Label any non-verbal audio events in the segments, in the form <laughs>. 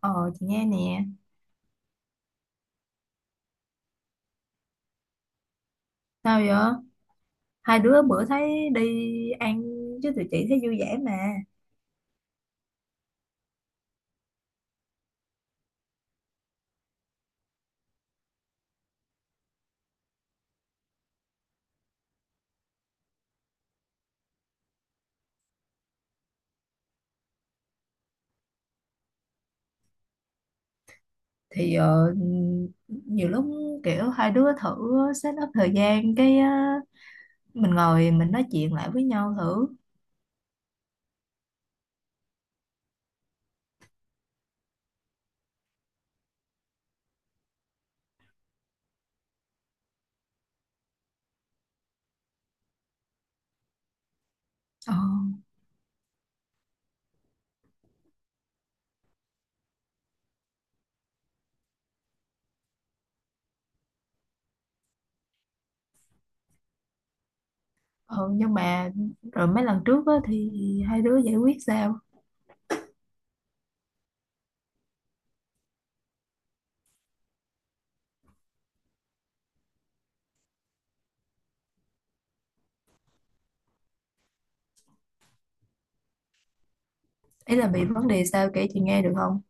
Ờ, chị nghe nè. Sao vậy? Hai đứa bữa thấy đi ăn chứ tụi chị thấy vui vẻ mà. Thì nhiều lúc kiểu hai đứa thử set up thời gian. Cái mình ngồi mình nói chuyện lại với nhau thử. Ờ, ờ nhưng mà rồi mấy lần trước á, thì hai đứa giải quyết sao? Ý là bị vấn đề sao, kể chị nghe được không?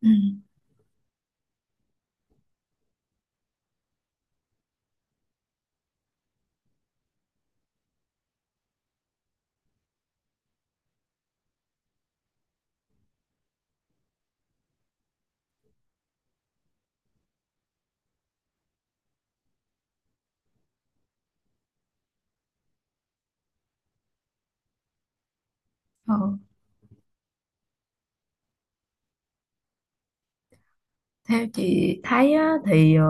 Ừ. Ờ. Theo chị thấy á, thì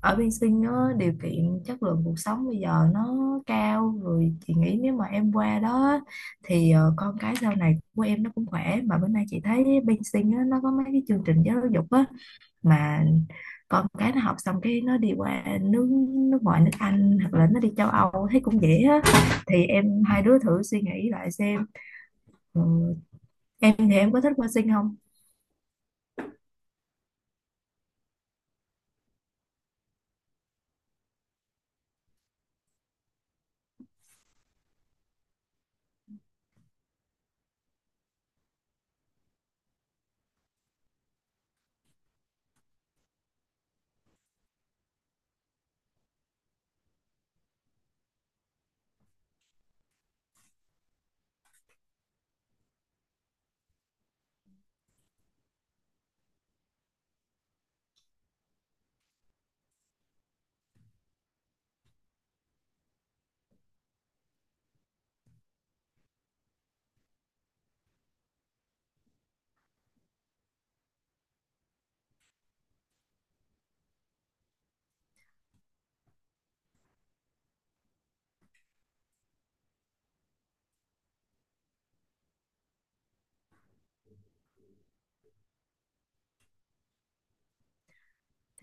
ở bên Sinh á, điều kiện chất lượng cuộc sống bây giờ nó cao rồi. Chị nghĩ nếu mà em qua đó á, thì con cái sau này của em nó cũng khỏe, mà bữa nay chị thấy bên Sinh á, nó có mấy cái chương trình giáo dục á, mà con cái nó học xong cái nó đi qua nước nước ngoài, nước Anh hoặc là nó đi châu Âu thấy cũng dễ á. Thì em hai đứa thử suy nghĩ lại xem. Ừ, em thì em có thích qua Sinh không?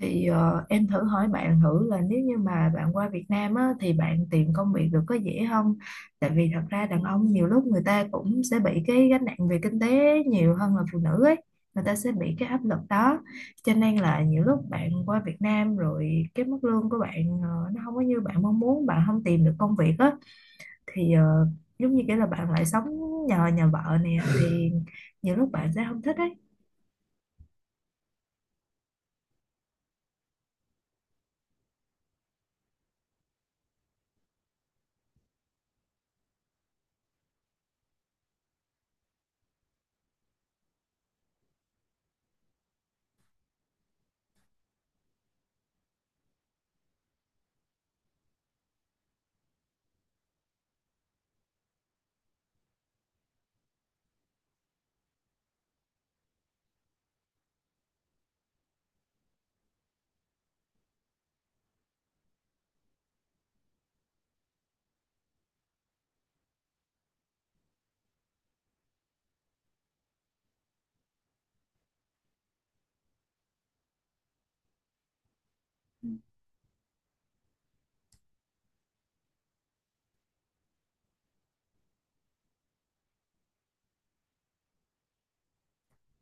Thì em thử hỏi bạn thử là nếu như mà bạn qua Việt Nam á, thì bạn tìm công việc được có dễ không? Tại vì thật ra đàn ông nhiều lúc người ta cũng sẽ bị cái gánh nặng về kinh tế nhiều hơn là phụ nữ ấy. Người ta sẽ bị cái áp lực đó. Cho nên là nhiều lúc bạn qua Việt Nam rồi cái mức lương của bạn nó không có như bạn mong muốn, bạn không tìm được công việc á, thì giống như kiểu là bạn lại sống nhờ nhà vợ nè, thì nhiều lúc bạn sẽ không thích ấy.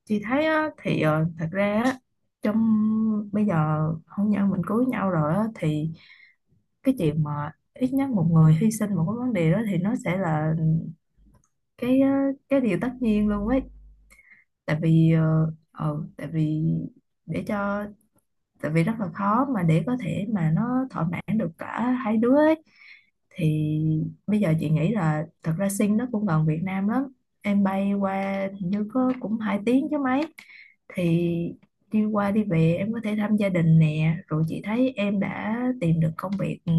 Chị thấy á, thì thật ra á, trong bây giờ hôn nhân mình cưới nhau rồi á, thì cái chuyện mà ít nhất một người hy sinh một cái vấn đề đó thì nó sẽ là cái cái điều tất nhiên luôn ấy. Tại vì ờ, ờ, tại vì để cho tại vì rất là khó mà để có thể mà nó thỏa mãn được cả hai đứa ấy. Thì bây giờ chị nghĩ là thật ra Sing nó cũng gần Việt Nam lắm, em bay qua hình như có cũng 2 tiếng chứ mấy. Thì đi qua đi về em có thể thăm gia đình nè, rồi chị thấy em đã tìm được công việc, ừ,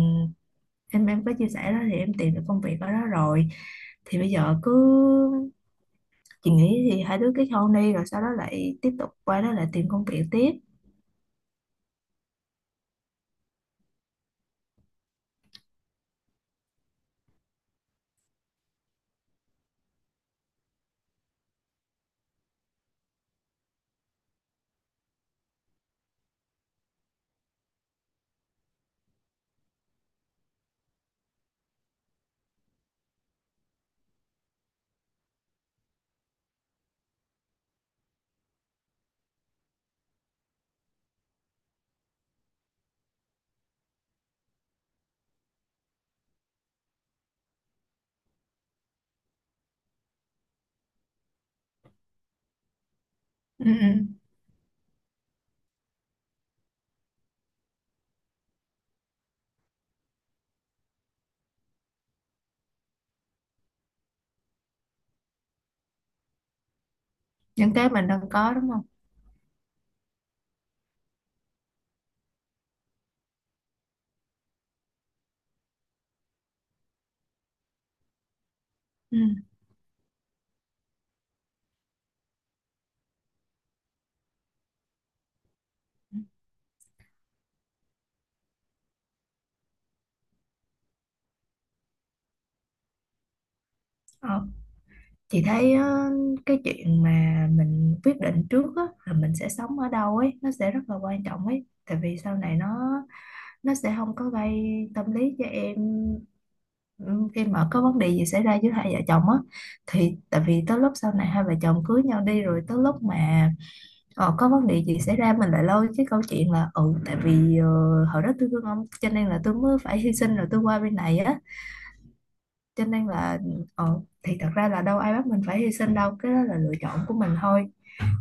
em có chia sẻ đó thì em tìm được công việc ở đó rồi. Thì bây giờ cứ, chị nghĩ thì hai đứa kết hôn đi rồi sau đó lại tiếp tục qua đó lại tìm công việc tiếp. Ừ, ừ. Những cái mình đang có đúng không. Ừ. Ờ. Chị thấy cái chuyện mà mình quyết định trước á, là mình sẽ sống ở đâu ấy, nó sẽ rất là quan trọng ấy. Tại vì sau này nó sẽ không có gây tâm lý cho em, ừ, khi mà có vấn đề gì xảy ra giữa hai vợ chồng á, thì tại vì tới lúc sau này hai vợ chồng cưới nhau đi rồi, tới lúc mà có vấn đề gì xảy ra mình lại lôi cái câu chuyện là, ừ, tại vì hồi đó tôi thương ông cho nên là tôi mới phải <laughs> hy sinh rồi tôi qua bên này á, cho nên là thì thật ra là đâu ai bắt mình phải hy sinh đâu, cái đó là lựa chọn của mình thôi.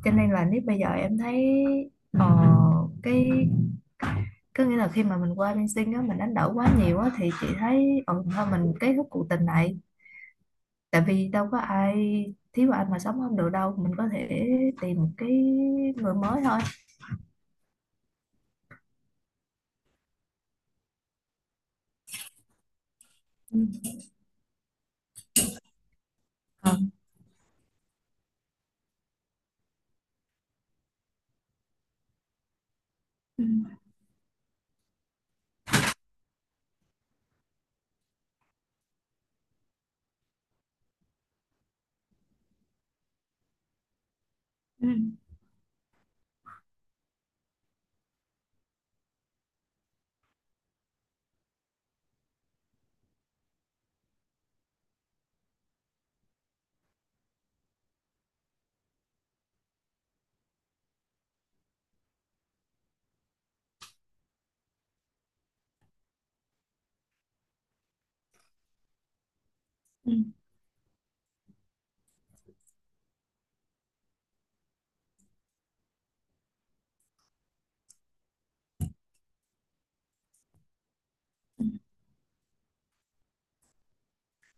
Cho nên là nếu bây giờ em thấy ờ, cái, có nghĩa là khi mà mình qua bên Sing á mình đánh đổi quá nhiều á, thì chị thấy thôi mình kết thúc cuộc tình này. Tại vì đâu có ai thiếu anh mà sống không được đâu, mình có thể tìm một cái người mới thôi. Ừ. Ờ. Ừ. Ừ. Ừ.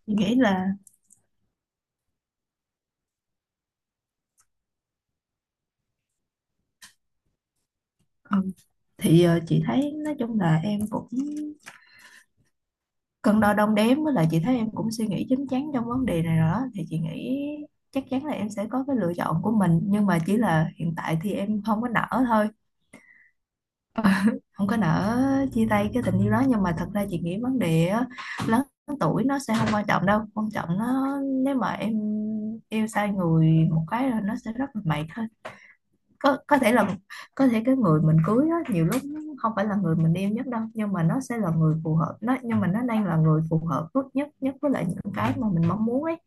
Chị nghĩ là ờ, thì chị thấy nói chung là em cũng cân đo đong đếm, với lại chị thấy em cũng suy nghĩ chín chắn trong vấn đề này rồi đó. Thì chị nghĩ chắc chắn là em sẽ có cái lựa chọn của mình, nhưng mà chỉ là hiện tại thì em không có nỡ thôi. <laughs> Không có nỡ chia tay cái tình yêu đó. Nhưng mà thật ra chị nghĩ vấn đề á, lớn tuổi nó sẽ không quan trọng đâu, quan trọng nó, nếu mà em yêu sai người một cái là nó sẽ rất là mệt. Có có thể là có thể cái người mình cưới á, nhiều lúc nó không phải là người mình yêu nhất đâu, nhưng mà nó sẽ là người phù hợp. Nó, nhưng mà nó đang là người phù hợp nhất nhất với lại những cái mà mình mong muốn ấy.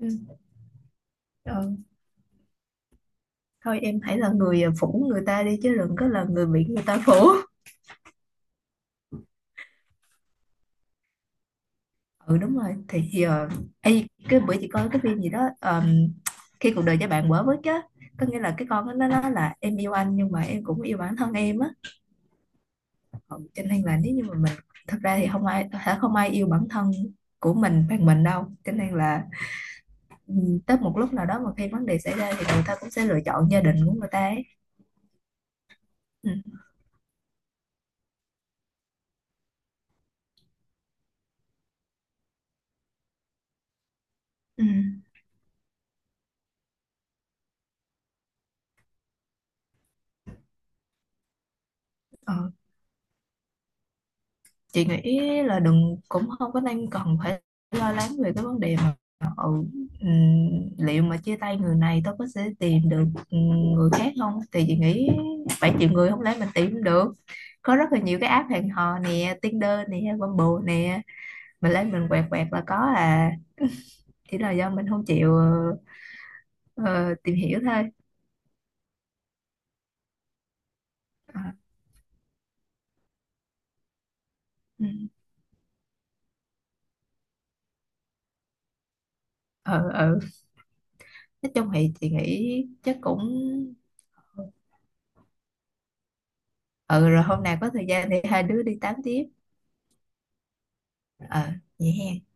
Ừ. Ờ, thôi em hãy là người phủ người ta đi, chứ đừng có là người bị người ta phủ. <laughs> Ừ, đúng rồi. Thì giờ, ê, cái bữa chị coi cái phim gì đó, khi cuộc đời cho bạn quả với chứ, có nghĩa là cái con nó nói là em yêu anh nhưng mà em cũng yêu bản thân em á. Ừ, cho nên là nếu như mà mình, thật ra thì không ai yêu bản thân của mình bằng mình đâu. Cho nên là, ừ, tới một lúc nào đó mà khi vấn đề xảy ra thì người ta cũng sẽ lựa chọn gia đình của người ta ấy. Ừ. Ừ. Ờ, chị nghĩ là đừng, cũng không có nên cần phải lo lắng về cái vấn đề mà, ừ, ừ, liệu mà chia tay người này tôi có sẽ tìm được, ừ, người khác không. Thì chị nghĩ, 7 triệu người không lẽ mình tìm được. Có rất là nhiều cái app hẹn hò nè, Tinder nè, Bumble nè, mình lấy mình quẹt quẹt là có à. Chỉ là do mình không chịu ờ, tìm hiểu thôi. À, ừ, ừ, ừ. Nói chung thì chị nghĩ chắc cũng, ừ, ừ, rồi hôm nào có thời gian thì hai đứa đi tám tiếp. Ờ, vậy hen.